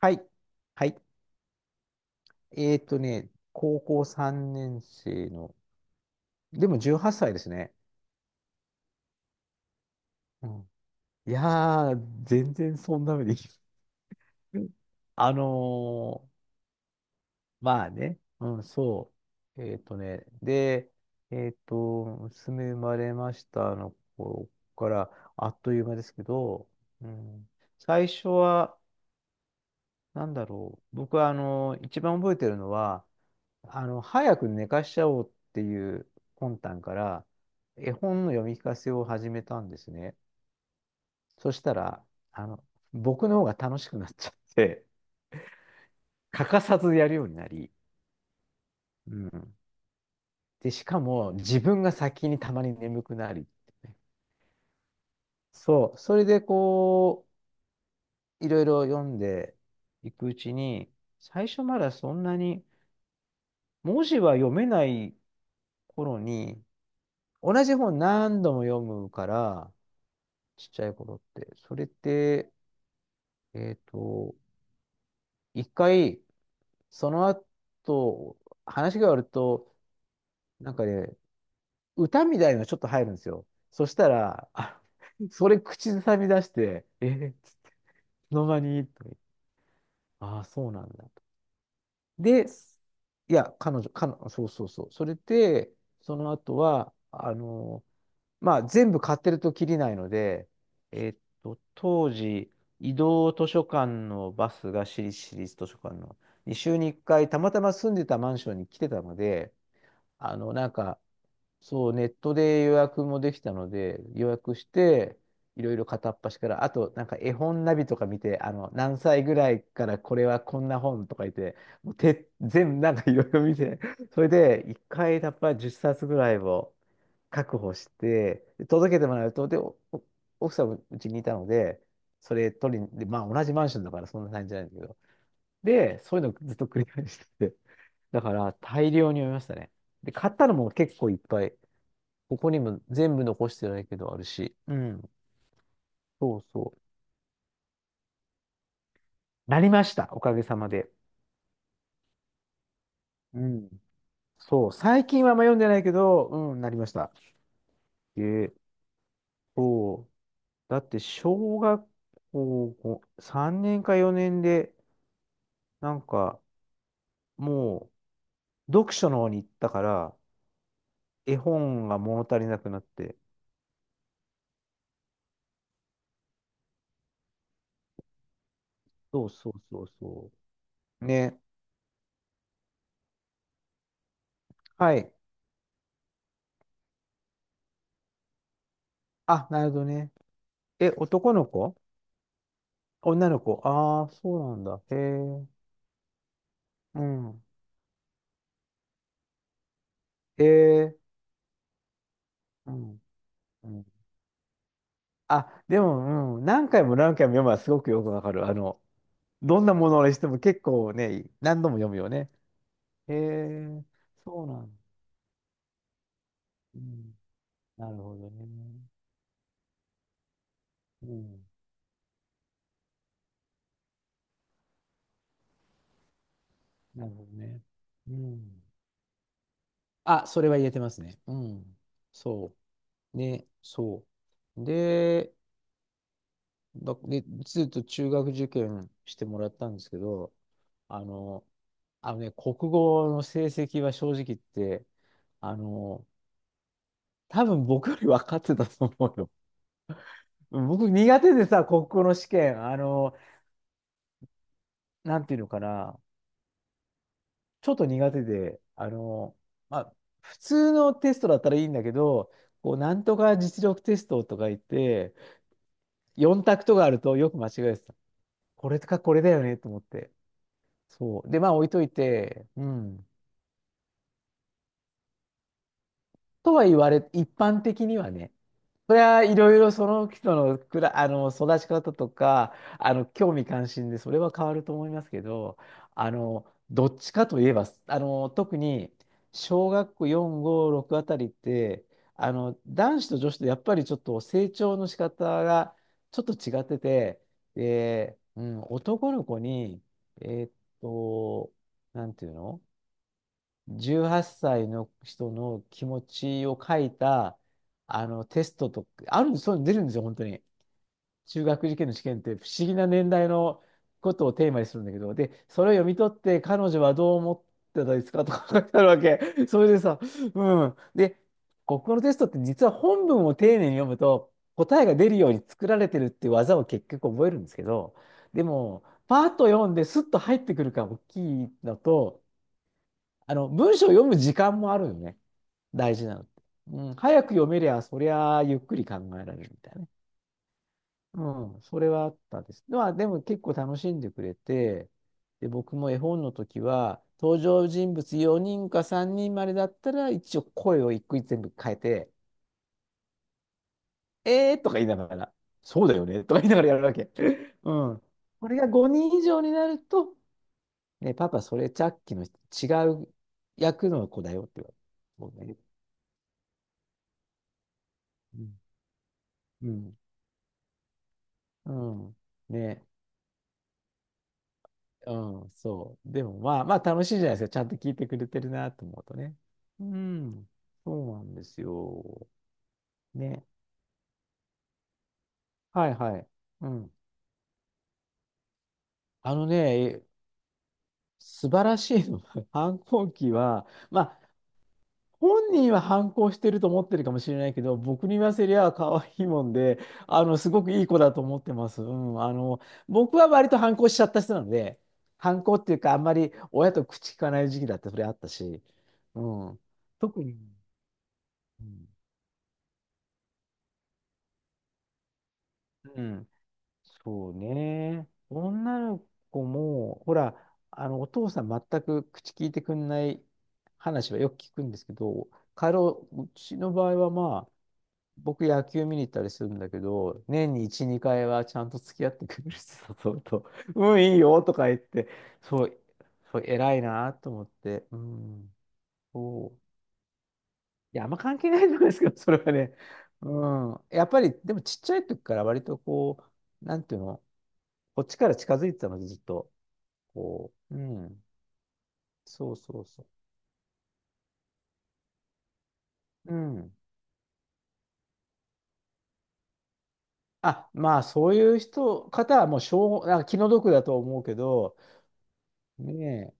はい。はい。高校3年生の、でも18歳ですね。うん。いやー、全然そんな目でいい。あのーまあね、うん、そう。ね、で、えーっと、娘生まれましたの頃から、あっという間ですけど、うん、最初は、なんだろう。僕は、一番覚えてるのは、早く寝かしちゃおうっていう魂胆から、絵本の読み聞かせを始めたんですね。そしたら、あの、僕の方が楽しくなっちゃって、欠かさずやるようになり、うん。で、しかも自分が先にたまに眠くなり、そう、それでいろいろ読んでいくうちに、最初まだそんなに文字は読めない頃に、同じ本何度も読むから、ちっちゃい頃って。それって、えっと、一回、その後、話が終わると、なんかね、歌みたいのがちょっと入るんですよ。そしたら、あ、それ口ずさみ出して、いつの間にとか言ってああそうなんだと。で、いや、彼女、そうそうそう。それで、その後は、まあ、全部買ってるときりないので、えっ当時、移動図書館のバスが私立図書館の2週に1回、たまたま住んでたマンションに来てたので、あの、なんか、そう、ネットで予約もできたので、予約して、いろいろ片っ端から、あと、なんか絵本ナビとか見て、何歳ぐらいからこれはこんな本とか言って、もうて、全部なんかいろいろ見て、それで、1回、やっぱり10冊ぐらいを、確保して、届けてもらうと、で、奥さんもうちにいたので、それ取りに、で、まあ同じマンションだからそんな感じじゃないんだけど、で、そういうのずっと繰り返してて、だから大量に読みましたね。で、買ったのも結構いっぱい、ここにも全部残してないけどあるし、うん、そうそう。なりました、おかげさまで。うん。そう、最近はあんま読んでないけど、うん、なりました。えそう、だって小学校3年か4年で、なんか、もう、読書の方に行ったから、絵本が物足りなくなって。そうそうそうそう。ね。はい。あ、なるほどね。え、男の子女の子ああー、そうなんだ。へえ。うん。へえ。うん。うん。あ、でも、うん。何回も何回も読むのはすごくよくわかる。どんなものにしても結構ね、何度も読むよね。へえ。そうなんだ。うん。なるほどね。うん。なるほどね。うん。あ、それは言えてますね。うん。そう。ね、そう。で、で、ずっと中学受験してもらったんですけど、あの、あのね、国語の成績は正直言って、あの、多分僕より分かってたと思うよ。僕苦手でさ、国語の試験、なんていうのかな、ちょっと苦手で、まあ、普通のテストだったらいいんだけど、なんとか実力テストとか言って、4択とかあるとよく間違えてた。これかこれだよねと思って。そう。で、まあ置いといて、うん。とは言われ、一般的にはね、それはいろいろその人の育ち方とか、興味関心でそれは変わると思いますけど、どっちかといえば、特に小学校4、5、6あたりって、男子と女子とやっぱりちょっと成長の仕方がちょっと違ってて、で、うん、男の子に、えーっと、なんていうの18歳の人の気持ちを書いた、テストとか、あるんです、そういうの出るんですよ、本当に。中学受験の試験って不思議な年代のことをテーマにするんだけど、で、それを読み取って、彼女はどう思ってたですかとか書いてあるわけ。それでさ、うん。で、国語のテストって実は本文を丁寧に読むと、答えが出るように作られてるっていう技を結局覚えるんですけど、でも、パーッと読んですっと入ってくるから大きいのと、文章を読む時間もあるよね。大事なのって。うん、早く読めりゃ、そりゃあゆっくり考えられるみたいなね。うん、それはあったです。まあ、でも結構楽しんでくれて、で、僕も絵本の時は、登場人物4人か3人までだったら、一応声を一個一個全部変えて、えーとか言いながら、そうだよねとか言いながらやるわけ。うん。これが5人以上になると、ね、パパ、それさっきの違う役の子だよって言われる。そうだねうんうん。うん。ね。うん。そう。でもまあまあ楽しいじゃないですか。ちゃんと聞いてくれてるなと思うとね。うん。そうなんですよ。ね。はいはい。うん。あのね、素晴らしいの反抗期は、本人は反抗してると思ってるかもしれないけど、僕に言わせりゃ可愛いもんで、すごくいい子だと思ってます。うん。僕は割と反抗しちゃった人なので、反抗っていうか、あんまり親と口聞かない時期だってそれあったし、うん。特に、うん。うんそうね。女の子も、ほら、お父さん全く口聞いてくんない話はよく聞くんですけど、彼を、うちの場合はまあ、僕野球見に行ったりするんだけど、年に1、2回はちゃんと付き合ってくれる人と、うん、いいよとか言って、そう、そう、偉いなと思って、うん、そう。いや、あんま関係ないじゃないですか、それはね。うん。やっぱり、でもちっちゃい時から割となんていうの、こっちから近づいてたので、ずっと。うん。そうそうそう。うん。あ、まあ、そういう方はもう、しょう、なんか気の毒だと思うけど、ね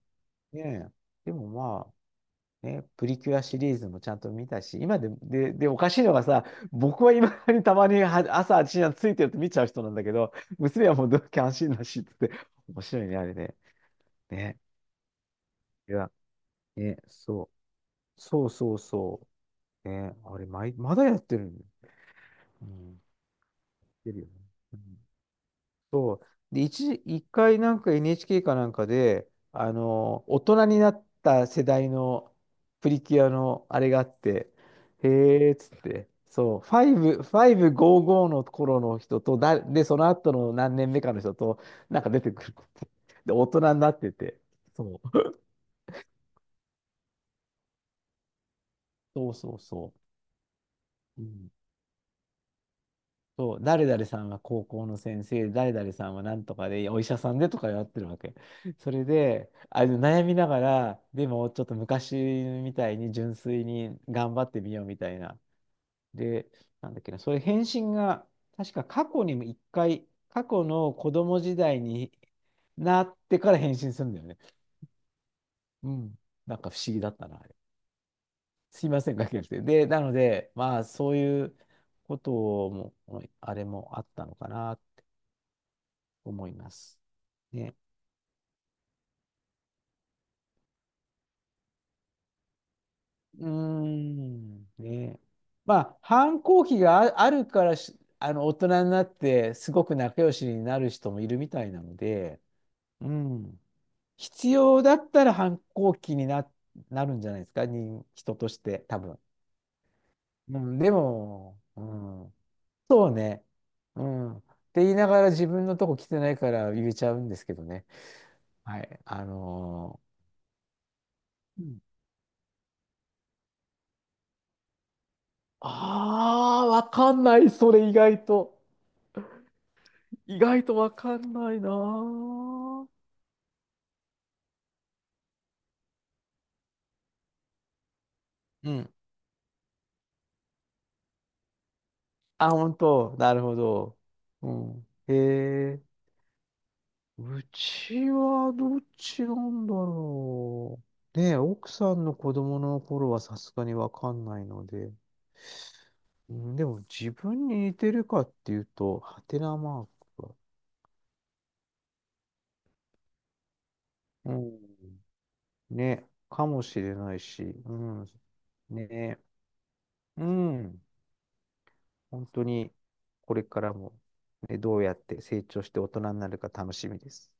え、ねえ。でもまあ、ね、プリキュアシリーズもちゃんと見たし、今で、おかしいのがさ、僕は今にたまには朝8時についてると見ちゃう人なんだけど、娘はもう同期安心だしっつって、面白いね、あれね。ね。いや、ね、そう。そうそうそう。ね、あれ、まだやってるんだよ。うん。やってるよね。うんそう。で、一回なんか NHK かなんかで、大人になった世代のプリキュアのあれがあって、へえーっつって、そう、5、555の頃の人と、で、その後の何年目かの人と、なんか出てくるって。で、大人になってて。そう。そうそうそう。うんそう、誰々さんは高校の先生、誰々さんはなんとかで、お医者さんでとかやってるわけ。それで、悩みながら、でもちょっと昔みたいに純粋に頑張ってみようみたいな。で、なんだっけな、それ返信が、確か過去にも一回、過去の子供時代になってから返信するんだよね。うん。なんか不思議だったな、あれ。すいません、かけて。で、なので、まあ、そういうことも、あれもあったのかな。思います。ね。うーん。ね。まあ、反抗期があるから大人になって、すごく仲良しになる人もいるみたいなので、うん。必要だったら反抗期になるんじゃないですか、人として、多分。うん、でも、うん、そうね。うん。って言いながら自分のとこ来てないから言えちゃうんですけどね。はい。うんああ、わかんない、それ意外と。意外とわかんないなぁ。うん。あ、本当。なるほど。うん。へえ。うちはどっちなんだろう。ねえ、奥さんの子供の頃はさすがにわかんないので。うん、でも自分に似てるかっていうと、ハテナマークは。うん。ね、かもしれないし。うん。ねえ。うん。本当にこれからも、ね、どうやって成長して大人になるか楽しみです。